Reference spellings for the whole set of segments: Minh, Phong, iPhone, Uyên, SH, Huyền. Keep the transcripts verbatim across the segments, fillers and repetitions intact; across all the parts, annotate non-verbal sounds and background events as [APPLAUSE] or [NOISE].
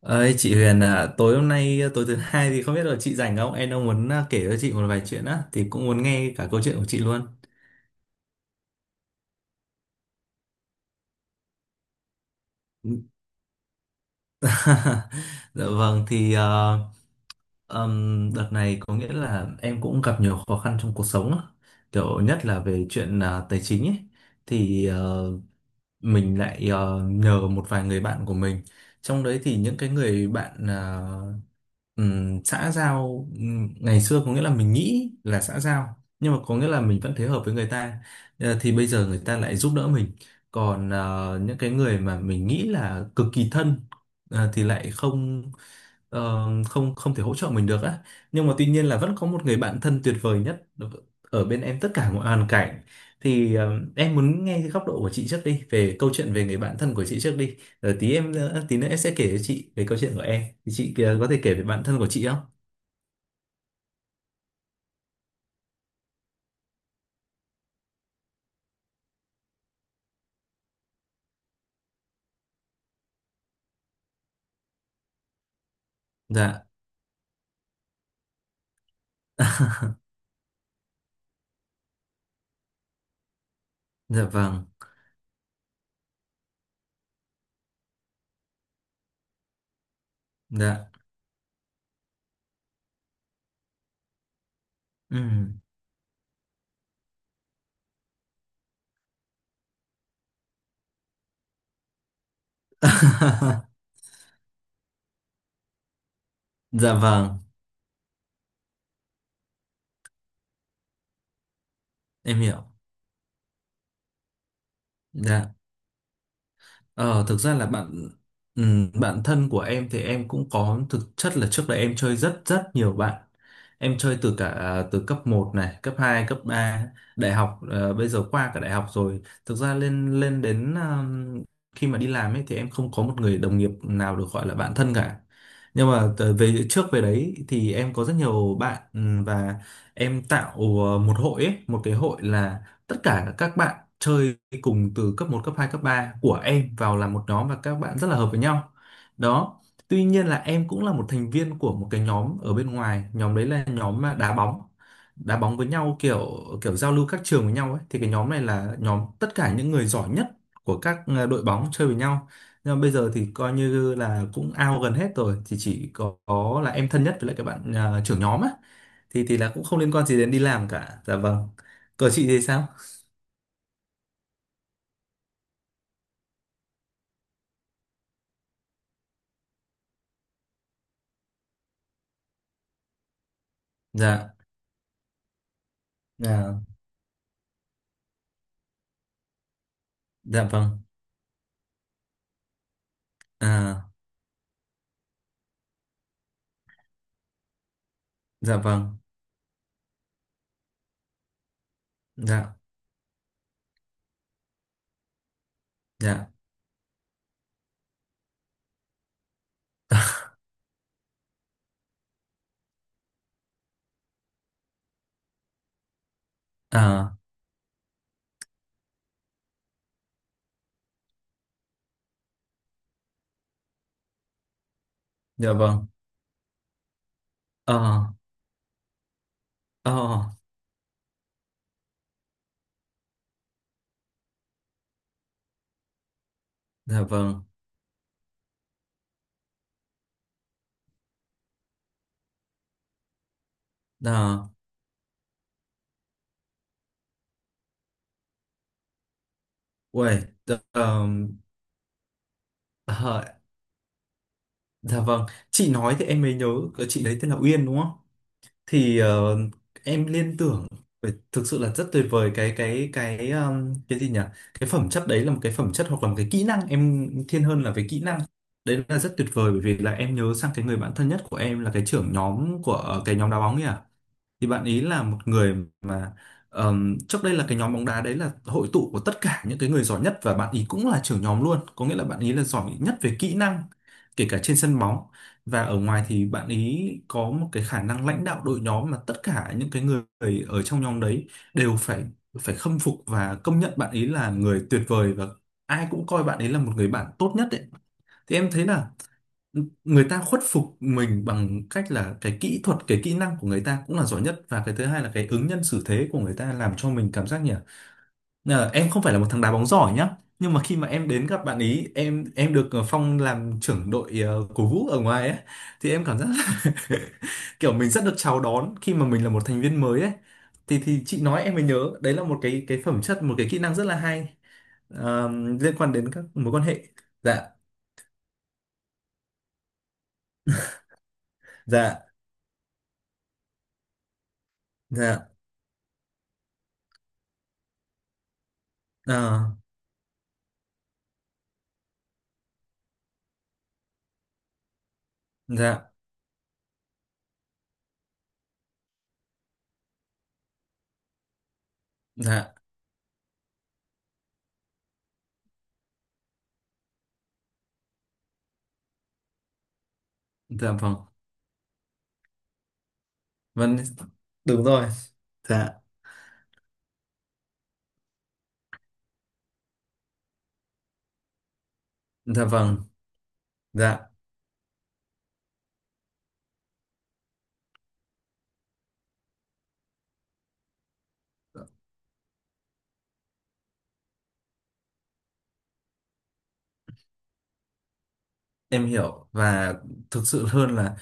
Ơi chị Huyền à, tối hôm nay tối thứ hai thì không biết là chị rảnh không? Em đang muốn à, kể cho chị một vài chuyện á thì cũng muốn nghe cả câu chuyện của chị luôn. [LAUGHS] Dạ vâng thì ờ, ừm, đợt này có nghĩa là em cũng gặp nhiều khó khăn trong cuộc sống á. Kiểu nhất là về chuyện à, tài chính ấy thì ờ, mình lại ờ, nhờ một vài người bạn của mình. Trong đấy thì những cái người bạn à, Ừm, xã giao, ừm, ngày xưa có nghĩa là mình nghĩ là xã giao nhưng mà có nghĩa là mình vẫn thế hợp với người ta. Ờ, thì bây giờ người ta lại giúp đỡ mình, còn ờ, những cái người mà mình nghĩ là cực kỳ thân, ờ, thì lại không, ờ, không không thể hỗ trợ mình được á. Nhưng mà tuy nhiên là vẫn có một người bạn thân tuyệt vời nhất ở bên em tất cả mọi hoàn cảnh. Thì ờ, em muốn nghe cái góc độ của chị trước đi, về câu chuyện về người bạn thân của chị trước đi, rồi tí em nữa- tí nữa em sẽ kể cho chị về câu chuyện của em. Thì chị ờ, có thể kể về bạn thân của chị không? Dạ. [LAUGHS] Dạ vâng. Dạ. Ừm. [LAUGHS] Dạ vâng, em hiểu. Dạ. Ờ, Thực ra là bạn ừm, bạn thân của em thì em cũng có, thực chất là trước đây em chơi rất rất nhiều bạn. Em chơi từ cả à, từ cấp một này, cấp hai, cấp ba, đại học, ờ, bây giờ qua cả đại học rồi. Thực ra lên lên đến ờm, khi mà đi làm ấy thì em không có một người đồng nghiệp nào được gọi là bạn thân cả. Nhưng mà tờ- về trước về đấy thì em có rất nhiều bạn, ừm, và em tạo ờ, một hội ấy, một cái hội là tất cả các bạn chơi cùng từ cấp một, cấp hai, cấp ba của em vào làm một nhóm, và các bạn rất là hợp với nhau. Đó. Tuy nhiên là em cũng là một thành viên của một cái nhóm ở bên ngoài, nhóm đấy là nhóm mà đá bóng. Đá bóng với nhau, kiểu kiểu giao lưu các trường với nhau ấy, thì cái nhóm này là nhóm tất cả những người giỏi nhất của các ờ, đội bóng chơi với nhau. Nhưng mà bây giờ thì coi như là cũng out gần hết rồi, thì chỉ có, có là em thân nhất với lại các bạn ờ, trưởng nhóm á, thì thì là cũng không liên quan gì đến đi làm cả. Dạ vâng. Cờ chị thì sao? Dạ. Dạ. Dạ vâng. À. Dạ vâng. Dạ. Dạ. À. Dạ vâng. Ờ. Ờ. Dạ vâng. À. Uầy. Dạ, ờm, ờ, dạ vâng, chị nói thì em mới nhớ, cái chị đấy tên là Uyên đúng không? Thì ờ, em liên tưởng về- thực sự là rất tuyệt vời, cái cái cái ờm, cái gì nhỉ, cái phẩm chất đấy là một cái phẩm chất hoặc là một cái kỹ năng, em thiên hơn là về kỹ năng, đấy là rất tuyệt vời. Bởi vì là em nhớ sang cái người bạn thân nhất của em là cái trưởng nhóm của ờ, cái nhóm đá bóng nhỉ, thì bạn ý là một người mà ờm, trước đây là cái nhóm bóng đá đấy là hội tụ của tất cả những cái người giỏi nhất, và bạn ý cũng là trưởng nhóm luôn, có nghĩa là bạn ý là giỏi nhất về kỹ năng, kể cả trên sân bóng. Và ở ngoài thì bạn ý có một cái khả năng lãnh đạo đội nhóm mà tất cả những cái người ở trong nhóm đấy đều phải phải khâm phục và công nhận bạn ý là người tuyệt vời, và ai cũng coi bạn ấy là một người bạn tốt nhất ấy. Thì em thấy là người ta khuất phục mình bằng cách là cái kỹ thuật, cái kỹ năng của người ta cũng là giỏi nhất, và cái thứ hai là cái ứng nhân xử thế của người ta làm cho mình cảm giác nhỉ, là em không phải là một thằng đá bóng giỏi nhá, nhưng mà khi mà em đến gặp bạn ý, em em được ờ, Phong làm trưởng đội, ờ, cổ vũ ở ngoài ấy, thì em cảm giác là [LAUGHS] kiểu mình rất được chào đón khi mà mình là một thành viên mới ấy. Thì thì chị nói em mới nhớ, đấy là một cái cái phẩm chất, một cái kỹ năng rất là hay, ờ, liên quan đến các mối quan hệ. Dạ. Dạ. Dạ. Ờ. Dạ. Dạ. Dạ vâng, vâng. Đúng rồi. Dạ. Dạ vâng. Dạ, em hiểu, và thực sự hơn là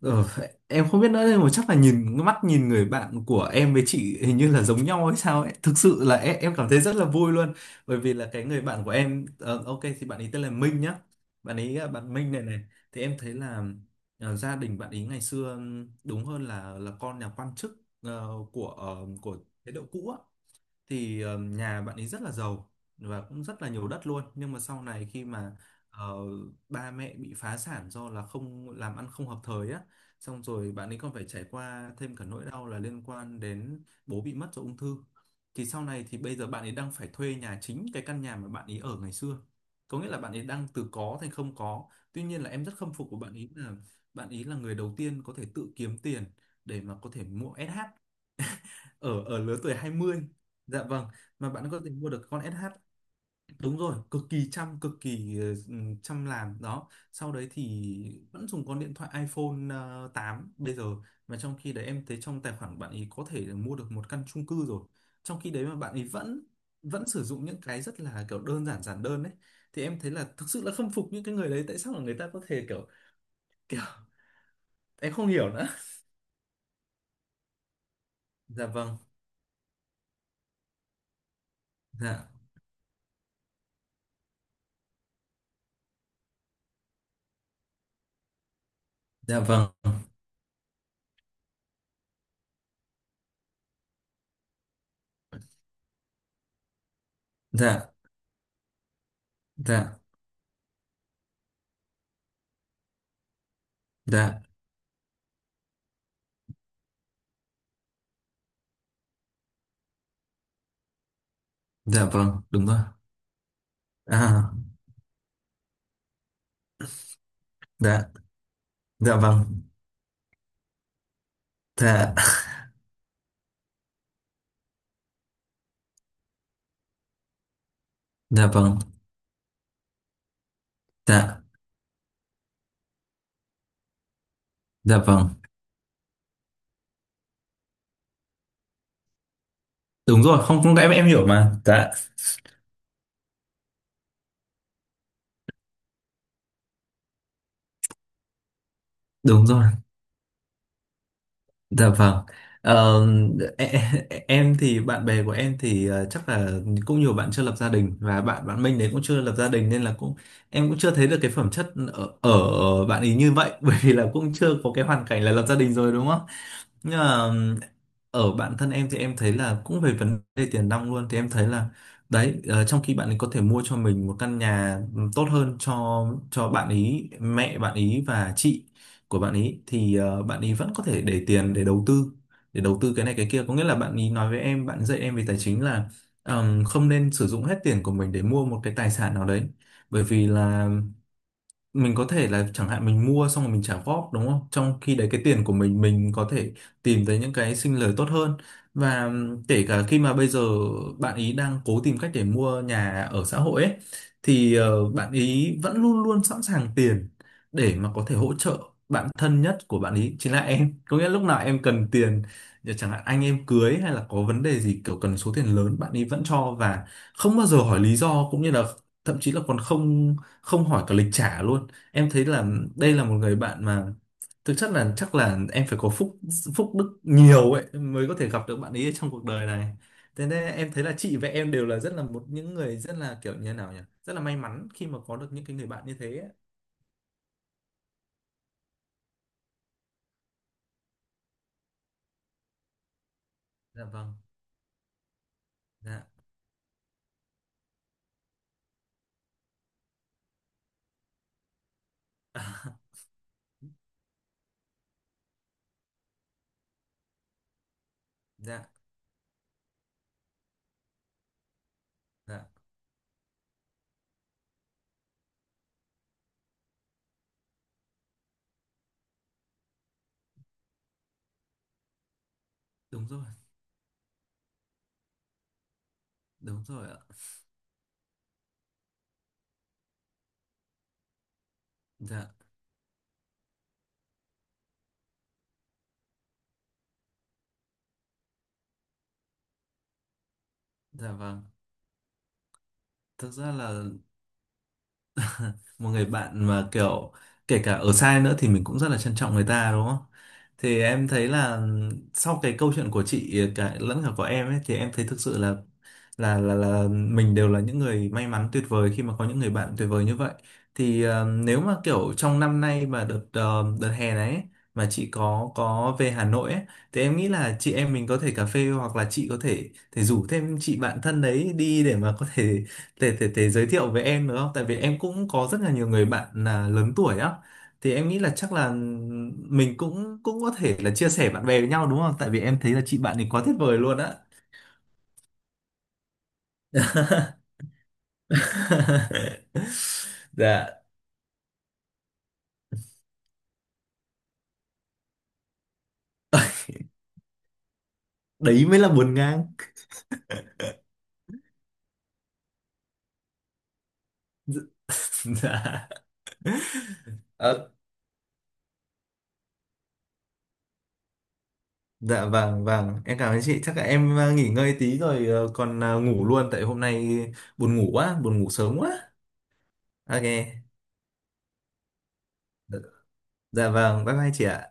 ờ, em không biết nữa, nhưng mà chắc là nhìn mắt nhìn người bạn của em với chị hình như là giống nhau hay sao ấy, thực sự là em, em cảm thấy rất là vui luôn, bởi vì là cái người bạn của em, ờ, ok, thì bạn ấy tên là Minh nhá, bạn ấy là bạn Minh này này. Thì em thấy là ờ, gia đình bạn ấy ngày xưa, ừm, đúng hơn là là con nhà quan chức ờ, của ờ, của chế độ cũ á. Thì ờ, nhà bạn ấy rất là giàu và cũng rất là nhiều đất luôn, nhưng mà sau này khi mà ờ, ba mẹ bị phá sản do là không làm ăn, không hợp thời á, xong rồi bạn ấy còn phải trải qua thêm cả nỗi đau là liên quan đến bố bị mất do ung thư. Thì sau này thì bây giờ bạn ấy đang phải thuê nhà, chính cái căn nhà mà bạn ấy ở ngày xưa, có nghĩa là bạn ấy đang từ có thành không có. Tuy nhiên là em rất khâm phục của bạn ấy là bạn ấy là người đầu tiên có thể tự kiếm tiền để mà có thể mua es hát ở ở lứa tuổi hai mươi. Dạ vâng. Mà bạn có thể mua được con ét hát, đúng rồi, cực kỳ chăm, cực kỳ ờ, ừ, chăm làm đó. Sau đấy thì vẫn dùng con điện thoại iPhone ờ, tám bây giờ, mà trong khi đấy em thấy trong tài khoản bạn ấy có thể là mua được một căn chung cư rồi, trong khi đấy mà bạn ấy vẫn vẫn sử dụng những cái rất là kiểu đơn giản, giản đơn đấy. Thì em thấy là thực sự là khâm phục những cái người đấy, tại sao mà người ta có thể kiểu kiểu em không hiểu nữa. Dạ vâng. Dạ. Dạ vâng. Dạ. Dạ. Dạ. Dạ vâng, đúng rồi. À. Dạ. Dạ vâng. Dạ. Dạ vâng. Dạ. Dạ vâng. Đúng rồi, không, không, em em hiểu mà. Dạ, đúng rồi, dạ vâng. Ờ, em, em thì bạn bè của em thì ờ, chắc là cũng nhiều bạn chưa lập gia đình, và bạn bạn Minh đấy cũng chưa lập gia đình nên là cũng em cũng chưa thấy được cái phẩm chất ở, ở bạn ấy như vậy [LAUGHS] bởi vì là cũng chưa có cái hoàn cảnh là lập gia đình rồi, đúng không? Nhưng mà ở bản thân em thì em thấy là cũng về vấn đề tiền nong luôn, thì em thấy là đấy, ờ, trong khi bạn ấy có thể mua cho mình một căn nhà tốt hơn cho cho bạn ý, mẹ bạn ý và chị của bạn ý, thì ờ, bạn ý vẫn có thể để tiền để đầu tư, để đầu tư cái này cái kia, có nghĩa là bạn ý nói với em, bạn dạy em về tài chính là ừm, không nên sử dụng hết tiền của mình để mua một cái tài sản nào đấy, bởi vì là mình có thể là chẳng hạn mình mua xong rồi mình trả góp, đúng không? Trong khi đấy cái tiền của mình mình có thể tìm thấy những cái sinh lời tốt hơn. Và kể cả khi mà bây giờ bạn ý đang cố tìm cách để mua nhà ở xã hội ấy, thì ờ, bạn ý vẫn luôn luôn sẵn sàng tiền để mà có thể hỗ trợ bạn thân nhất của bạn ý, chính là em. [LAUGHS] Có nghĩa lúc nào em cần tiền, ờ, chẳng hạn anh em cưới hay là có vấn đề gì kiểu cần số tiền lớn, bạn ý vẫn cho và không bao giờ hỏi lý do, cũng như là thậm chí là còn không không hỏi cả lịch trả luôn. Em thấy là đây là một người bạn mà thực chất là chắc là em phải có phúc, phúc đức nhiều ấy mới có thể gặp được bạn ấy ở trong cuộc đời này. Thế nên em thấy là chị và em đều là rất là một những người rất là kiểu như nào nhỉ, rất là may mắn khi mà có được những cái người bạn như thế ấy. Dạ vâng. Dạ. [LAUGHS] Dạ. Dạ. Đúng rồi. Đúng rồi ạ. Dạ. Dạ vâng. Thực ra là một người bạn mà kiểu kể cả ở sai nữa thì mình cũng rất là trân trọng người ta đúng không? Thì em thấy là sau cái câu chuyện của chị cả lẫn cả của em ấy, thì em thấy thực sự là là là là mình đều là những người may mắn tuyệt vời khi mà có những người bạn tuyệt vời như vậy. Thì ờ, nếu mà kiểu trong năm nay, mà đợt ờ, đợt hè này ấy, mà chị có có về Hà Nội ấy, thì em nghĩ là chị em mình có thể cà phê, hoặc là chị có thể thể rủ thêm chị bạn thân đấy đi để mà có thể thể thể thể giới thiệu với em được không? Tại vì em cũng có rất là nhiều người bạn là lớn tuổi á. Thì em nghĩ là chắc là mình cũng cũng có thể là chia sẻ bạn bè với nhau đúng không? Tại vì em thấy là chị bạn thì quá tuyệt vời luôn á. [LAUGHS] Dạ, đấy mới là buồn ngang. [LAUGHS] Dạ. Ờ, dạ vâng vâng, em cảm ơn chị. Chắc là em ờ, nghỉ ngơi tí rồi, ờ, còn ờ, ngủ luôn tại hôm nay buồn ngủ quá, buồn ngủ sớm quá. Ok. Dạ vâng, bye bye chị ạ.